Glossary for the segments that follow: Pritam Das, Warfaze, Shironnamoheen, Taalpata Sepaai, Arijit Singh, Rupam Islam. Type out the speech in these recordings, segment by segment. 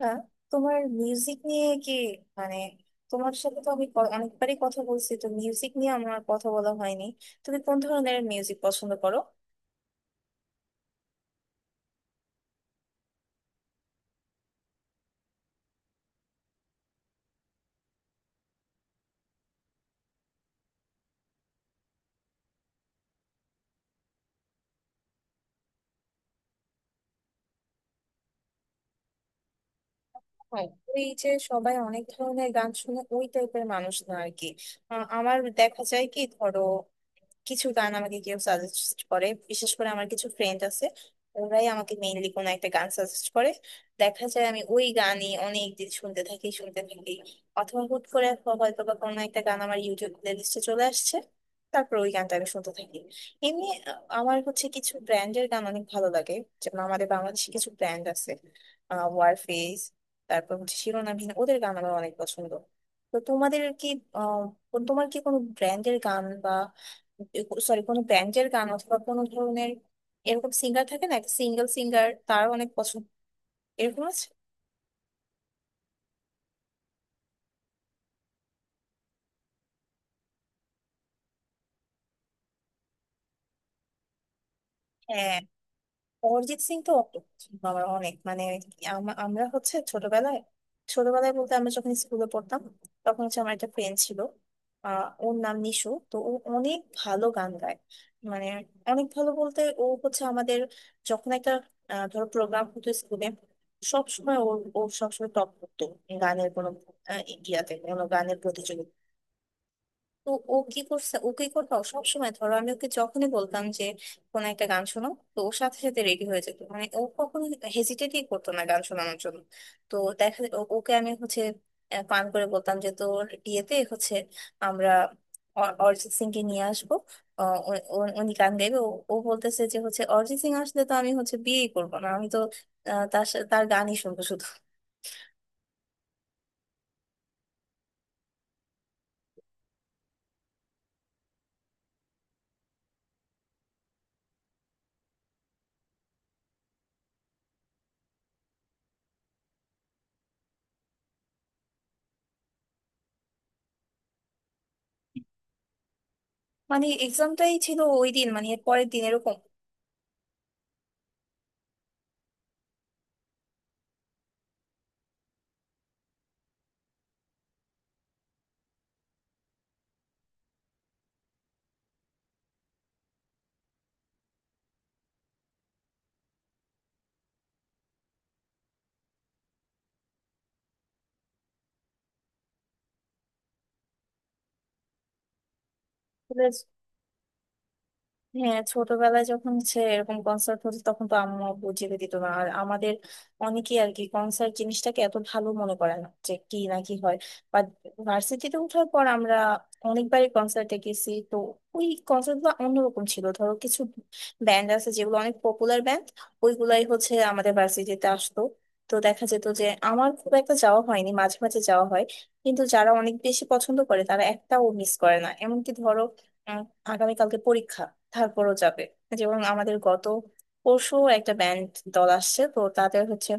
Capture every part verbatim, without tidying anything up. না, তোমার মিউজিক নিয়ে কি, মানে তোমার সাথে তো আমি ক- অনেকবারই কথা বলছি, তো মিউজিক নিয়ে আমার আর কথা বলা হয়নি। তুমি কোন ধরনের মিউজিক পছন্দ করো? হ্যাঁ, এই যে সবাই অনেক ধরনের গান শুনে ওই টাইপের মানুষ না আর কি। আ- আমার দেখা যায় কি, ধরো কিছু গান আমাকে কেউ সাজেস্ট করে, বিশেষ করে আমার কিছু ফ্রেন্ড আছে, ওরাই আমাকে মেইনলি কোনো একটা গান সাজেস্ট করে। দেখা যায় আমি ওই গানই অনেক দিন শুনতে থাকি শুনতে থাকি। অথবা হুট করে হয়তো বা কোনো একটা গান আমার ইউটিউব প্লেলিস্টে চলে আসছে, তারপর ওই গানটা আমি শুনতে থাকি। এমনি আহ, আমার হচ্ছে কিছু ব্র্যান্ডের গান অনেক ভালো লাগে। যেমন আমাদের বাংলাদেশে কিছু ব্র্যান্ড আছে, আহ ওয়ারফেস, তারপর হচ্ছে শিরোনামহীন, ওদের গান আমার অনেক পছন্দ। তো তোমাদের কি, আহ কোন- তোমার কি কোনো ব্র্যান্ডের গান বা, সরি, কোনো ব্যান্ডের গান অথবা কোনো ধরনের এরকম সিঙ্গার থাকে না, একটা সিঙ্গেল সিঙ্গার তার অনেক পছন্দ, এরকম আছে? হ্যাঁ, অরিজিৎ সিং তো আমার অনেক, মানে আম- আমরা হচ্ছে ছোটবেলায়, ছোটবেলায় বলতে আমরা যখন স্কুলে পড়তাম, তখন হচ্ছে আমার একটা ফ্রেন্ড ছিল, আহ ওর নাম নিশু, তো ও অনেক ভালো গান গায়। মানে অনেক ভালো বলতে ও হচ্ছে আমাদের, যখন একটা আহ, ধরো প্রোগ্রাম হতো স্কুলে, সবসময় ওর, ও সবসময় টপ করতো গানের কোনো আহ, ইয়াতে, কোনো গানের প্রতিযোগিতা। তো ও কি করছে, ও কি করতো, সব সময় ধরো আমি ওকে যখনই বলতাম যে কোন একটা গান শোনো, তো ওর সাথে সাথে রেডি হয়ে যেত, মানে ও কখনো হেজিটেটই করতো না গান শোনানোর জন্য। তো দেখা যেত ও- ওকে আমি হচ্ছে আহ, পান করে বলতাম যে তোর বিয়েতে হচ্ছে আমরা অ- অরিজিৎ সিং কে নিয়ে আসবো, আহ, উ- উ- উনি গান গাইবে। ও ও বলতেছে যে হচ্ছে অরিজিৎ সিং আসলে তো আমি হচ্ছে বিয়েই করবো না, আমি তো আহ, তার সা- তার গানই শুনবো শুধু। মানে এক্সামটাই ছিল ওই দিন, মানে এর পরের দিন এরকম। Yes. হ্যাঁ, ছোটবেলায় যখন সে এরকম কনসার্ট হতো তখন তো আম্মু বুঝিয়ে দিত না, আর আমাদের অনেকেই আর কি কনসার্ট জিনিসটাকে এত ভালো মনে করে না, যে কি না কি হয়, বা ভার্সিটিতে ওঠার পর আমরা অনেকবারই কনসার্টে গেছি তো। ওই কনসার্ট গুলো অন্যরকম ছিল, ধরো কিছু ব্যান্ড আছে যেগুলো অনেক পপুলার ব্যান্ড, ওইগুলাই হচ্ছে আমাদের ভার্সিটিতে আসতো। তো দেখা যেত যে আমার খুব একটা যাওয়া হয়নি, মাঝে মাঝে যাওয়া হয়, কিন্তু যারা অনেক বেশি পছন্দ করে তারা একটাও মিস করে না, এমনকি ধরো আহ, আগামীকালকে পরীক্ষা তারপরও যাবে। যেমন আমাদের গত পরশু একটা ব্যান্ড দল আসছে, তো তাদের হচ্ছে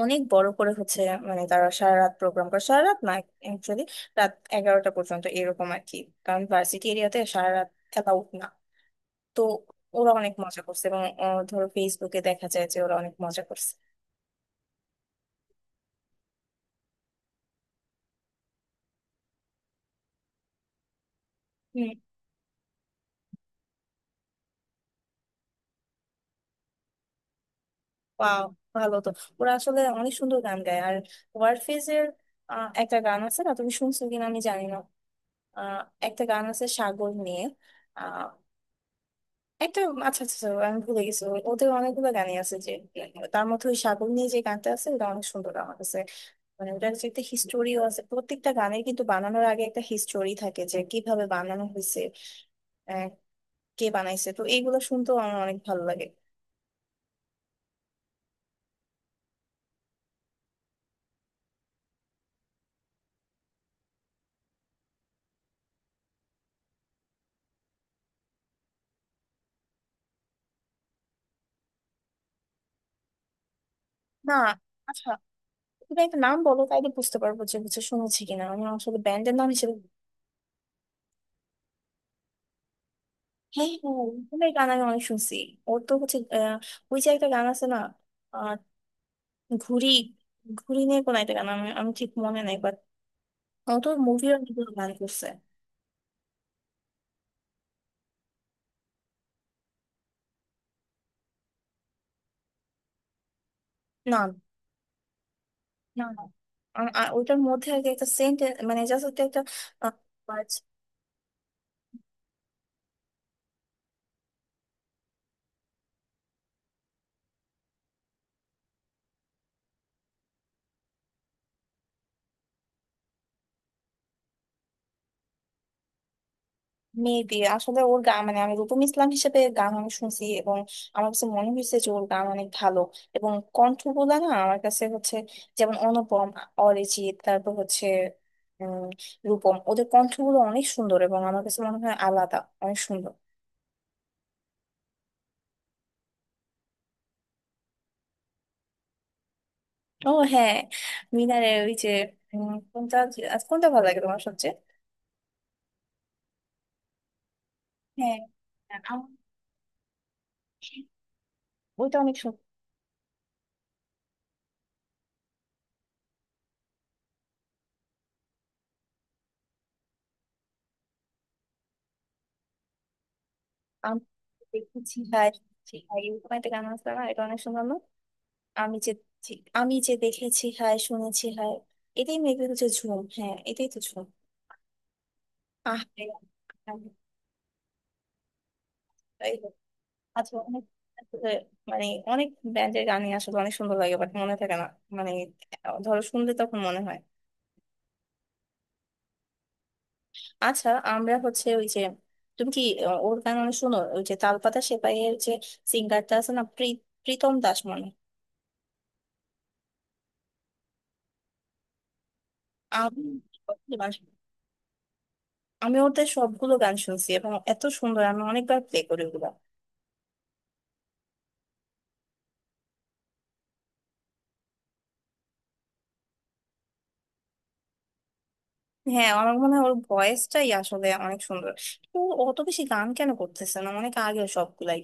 অনেক বড় করে হচ্ছে, মানে তারা সারা রাত প্রোগ্রাম করে, সারা রাত না, অ্যাকচুয়ালি রাত এগারোটা পর্যন্ত এরকম আর কি, কারণ ভার্সিটি এরিয়াতে সারা রাত অ্যালাউড না। তো ওরা অনেক মজা করছে এবং আহ, ধরো ফেসবুকে দেখা যায় যে ওরা অনেক মজা করছে। হুম। ওয়াও, ভালো তো। ওরা আসলে অনেক সুন্দর গান গায়। আর ওয়ারফেজের আহ, একটা গান আছে না, তুমি শুনছো কিনা আমি জানি না, আহ, একটা গান আছে সাগর নিয়ে, একটা। আচ্ছা আচ্ছা আচ্ছা, আমি ভুলে গেছি, ও- ওদের অনেকগুলো গানই আছে যে, মানে তার মধ্যে ওই সাগর নিয়ে যে গানটা আছে ওটা অনেক সুন্দর আমার কাছে। মানে ওটার যে একটা হিস্টোরিও আছে, প্রত্যেকটা গানের কিন্তু বানানোর আগে একটা হিস্টোরি থাকে যে কিভাবে বানানো হয়েছে, আহ, কে বানাইছে, তো এইগুলো শুনতেও আমার অনেক ভালো লাগে। না আচ্ছা, তুমি একটা নাম বলো তাইলে বুঝতে পারবো যে হচ্ছে শুনেছি কিনা, আমি আসলে ব্যান্ডের নাম হিসেবে। হ্যাঁ হ্যাঁ, ওদের গান আমি অনেক শুনছি। ওর তো হচ্ছে আহ, ওই যে একটা গান আছে না, আহ, ঘুড়ি, ঘুড়ি নিয়ে কোন একটা গান, আমি আমি ঠিক মনে নাই। ও তো মুভি অনেক গান করছে। না না না, আ- আ- ওইটার মধ্যে আর কি একটা সেন্ট, মানে জাস্ট একটা। মেবি আসলে ওর গান, মানে আমি রূপম ইসলাম হিসেবে গান আমি শুনছি এবং আমার কাছে মনে হয়েছে যে ওর গান অনেক ভালো, এবং কণ্ঠগুলা না আমার কাছে হচ্ছে, যেমন অনুপম, অরিজিৎ, তারপর হচ্ছে উম রূপম, ওদের কণ্ঠগুলো অনেক সুন্দর এবং আমার কাছে মনে হয় আলাদা, অনেক সুন্দর। ও হ্যাঁ, মিনারের ওই যে, উম, কোনটা, কোনটা ভালো লাগে তোমার সবচেয়ে? হ্যাঁ, ওইটা অনেক সুন্দর। আমি দেখেছি হায়, সেই হায়, এরকম একটা গান আছে না, এটা অনেক সুন্দর না? আমি যে, যে- আমি যে দেখেছি হায়, শুনেছি হায়, এটাই মেবি হচ্ছে ঝুম। হ্যাঁ এটাই তো ঝুম। আহ রে, আহ, তাই তো। আচ্ছা অনেক, মানে অনেক ব্যান্ডের গানই আসলে অনেক সুন্দর লাগে বাট মনে থাকে না, মানে আহ, ধরো শুনলে তখন মনে হয়। আচ্ছা আমরা হচ্ছে ওই যে, তুমি কি আহ, ওর গান অনেক শোনো, ওই যে তালপাতা সেপাইয়ের যে সিঙ্গারটা আছে না, প্রী- প্রীতম দাস মনে হয়। আমি আমি ওদের সবগুলো গান শুনছি এবং এত সুন্দর, আমি অনেকবার প্লে করি ওগুলা। হ্যাঁ, আমার মনে হয় ওর ভয়েসটাই আসলে অনেক সুন্দর। তো অত বেশি গান কেন করতেছে না, অনেক আগে সবগুলাই।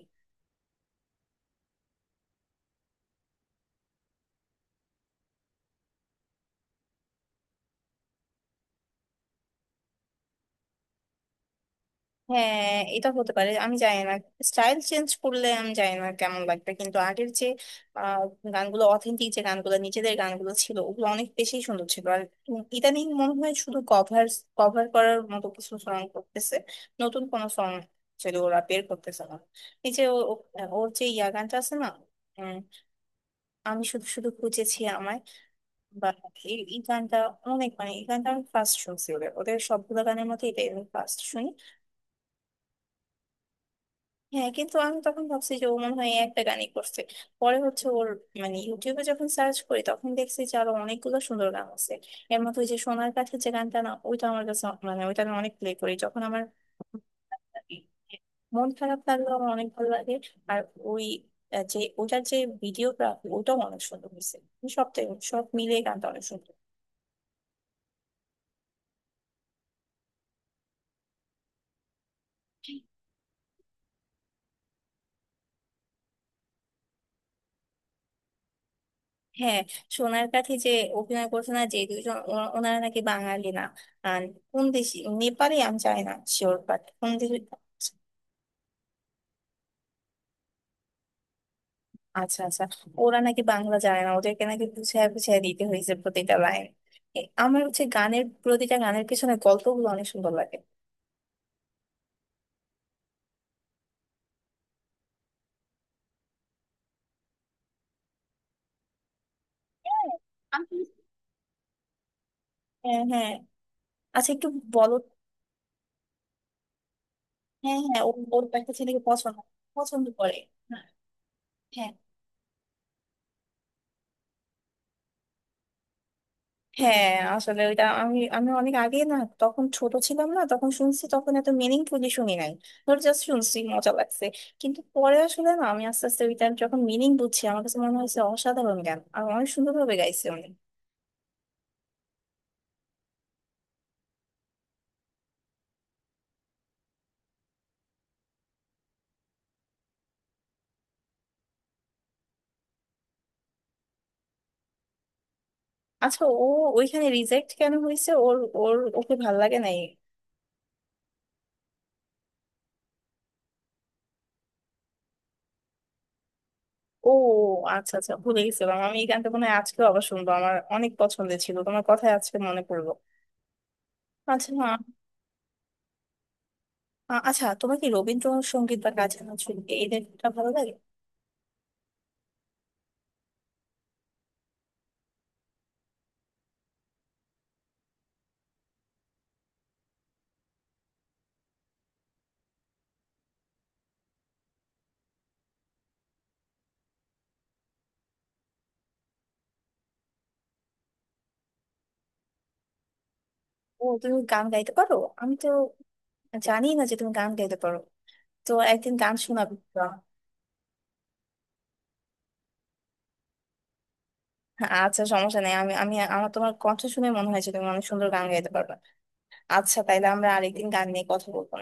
হ্যাঁ, এটা হতে পারে আমি জানি না, স্টাইল চেঞ্জ করলে আমি জানি না কেমন লাগবে, কিন্তু আগের যে আহ, গানগুলো অথেন্টিক, যে গানগুলো নিজেদের গানগুলো ছিল ওগুলো অনেক বেশি সুন্দর ছিল। আর ইদানিং মনে হয় শুধু কভার, কভার করার মতো কিছু সং করতেছে, নতুন কোনো সং ছিল ওরা বের করতেছে না। এই যে ও- ও- ওর যে ইয়া গানটা আছে না, উম, আমি শুধু শুধু খুঁজেছি আমায়, বা এই এই গানটা অনেক, মানে এই গানটা আমি ফার্স্ট শুনছি, ওদের ওদের সবগুলো গানের মধ্যে এটাই আমি ফার্স্ট শুনি। হ্যাঁ কিন্তু আমি তখন ভাবছি যে ও মনে হয় এই একটা গানই করছে, পরে হচ্ছে ওর, মানে ইউটিউবে যখন সার্চ করি তখন দেখছি যে আরো অনেকগুলো সুন্দর গান আছে। এর মধ্যে ওই যে সোনার কাছে যে গানটা না, ওইটা আমার কাছে অ- মানে ওইটা আমি অনেক প্লে করি যখন আমার মন খারাপ লাগলো, আমার অনেক ভালো লাগে। আর ওই আহ, যে ওটার যে ভিডিওগ্রাফি ওটাও অনেক সুন্দর হয়েছে, সবটাই, সব মিলিয়ে গানটা অনেক সুন্দর। হ্যাঁ, সোনার কাঠে যে অভিনয় করছে না যে দুজন, ওনা- ওনারা নাকি বাঙালি না, আর কোন দেশি, নেপালি আমি জানি না শিওর, বাট কোন দেশে। আচ্ছা আচ্ছা, ওরা নাকি বাংলা জানে না, ওদেরকে নাকি বুঝায় বুঝায় দিতে হয়েছে প্রতিটা লাইন। আমার হচ্ছে গানের প্রতিটা গানের পিছনে গল্পগুলো অনেক সুন্দর লাগে। হ্যাঁ, আমি- হ্যাঁ হ্যাঁ, আচ্ছা একটু বলো। হ্যাঁ হ্যাঁ, ওর ওর একটা ছেলেকে পছন্দ, পছন্দ করে, হ্যাঁ হ্যাঁ। হ্যাঁ আসলে ওইটা আমি আমি অনেক আগে না তখন ছোট ছিলাম না, তখন শুনছি, তখন এত মিনিংফুলি শুনি নাই, ধর জাস্ট শুনছি মজা লাগছে। কিন্তু পরে আসলে না আমি আস্তে আস্তে ওইটার যখন মিনিং বুঝছি আমার কাছে মনে হয়েছে অসাধারণ গান আর অনেক সুন্দর ভাবে গাইছে উনি। আচ্ছা, ও ওইখানে রিজেক্ট কেন হয়েছে, ওর ওর ওকে ভাল লাগে নাই? ও আচ্ছা আচ্ছা, ভুলে গেছিলাম আমি এই গানটা, মনে হয় আজকে আবার শুনবো, আমার অনেক পছন্দের ছিল, তোমার কথায় আজকে মনে পড়লো। আচ্ছা, আ- আচ্ছা তোমার কি রবীন্দ্রসঙ্গীত বা কাজী নজরুল এদের ভালো লাগে? ও তুমি গান গাইতে পারো, আমি তো জানি না যে তুমি গান গাইতে পারো, তো একদিন গান শোনাবে তো। আচ্ছা সমস্যা নেই, আমি আমি আমার তোমার কণ্ঠ শুনে মনে হয় যে তুমি অনেক সুন্দর গান গাইতে পারবে। আচ্ছা তাইলে আমরা আরেকদিন গান নিয়ে কথা বলবো।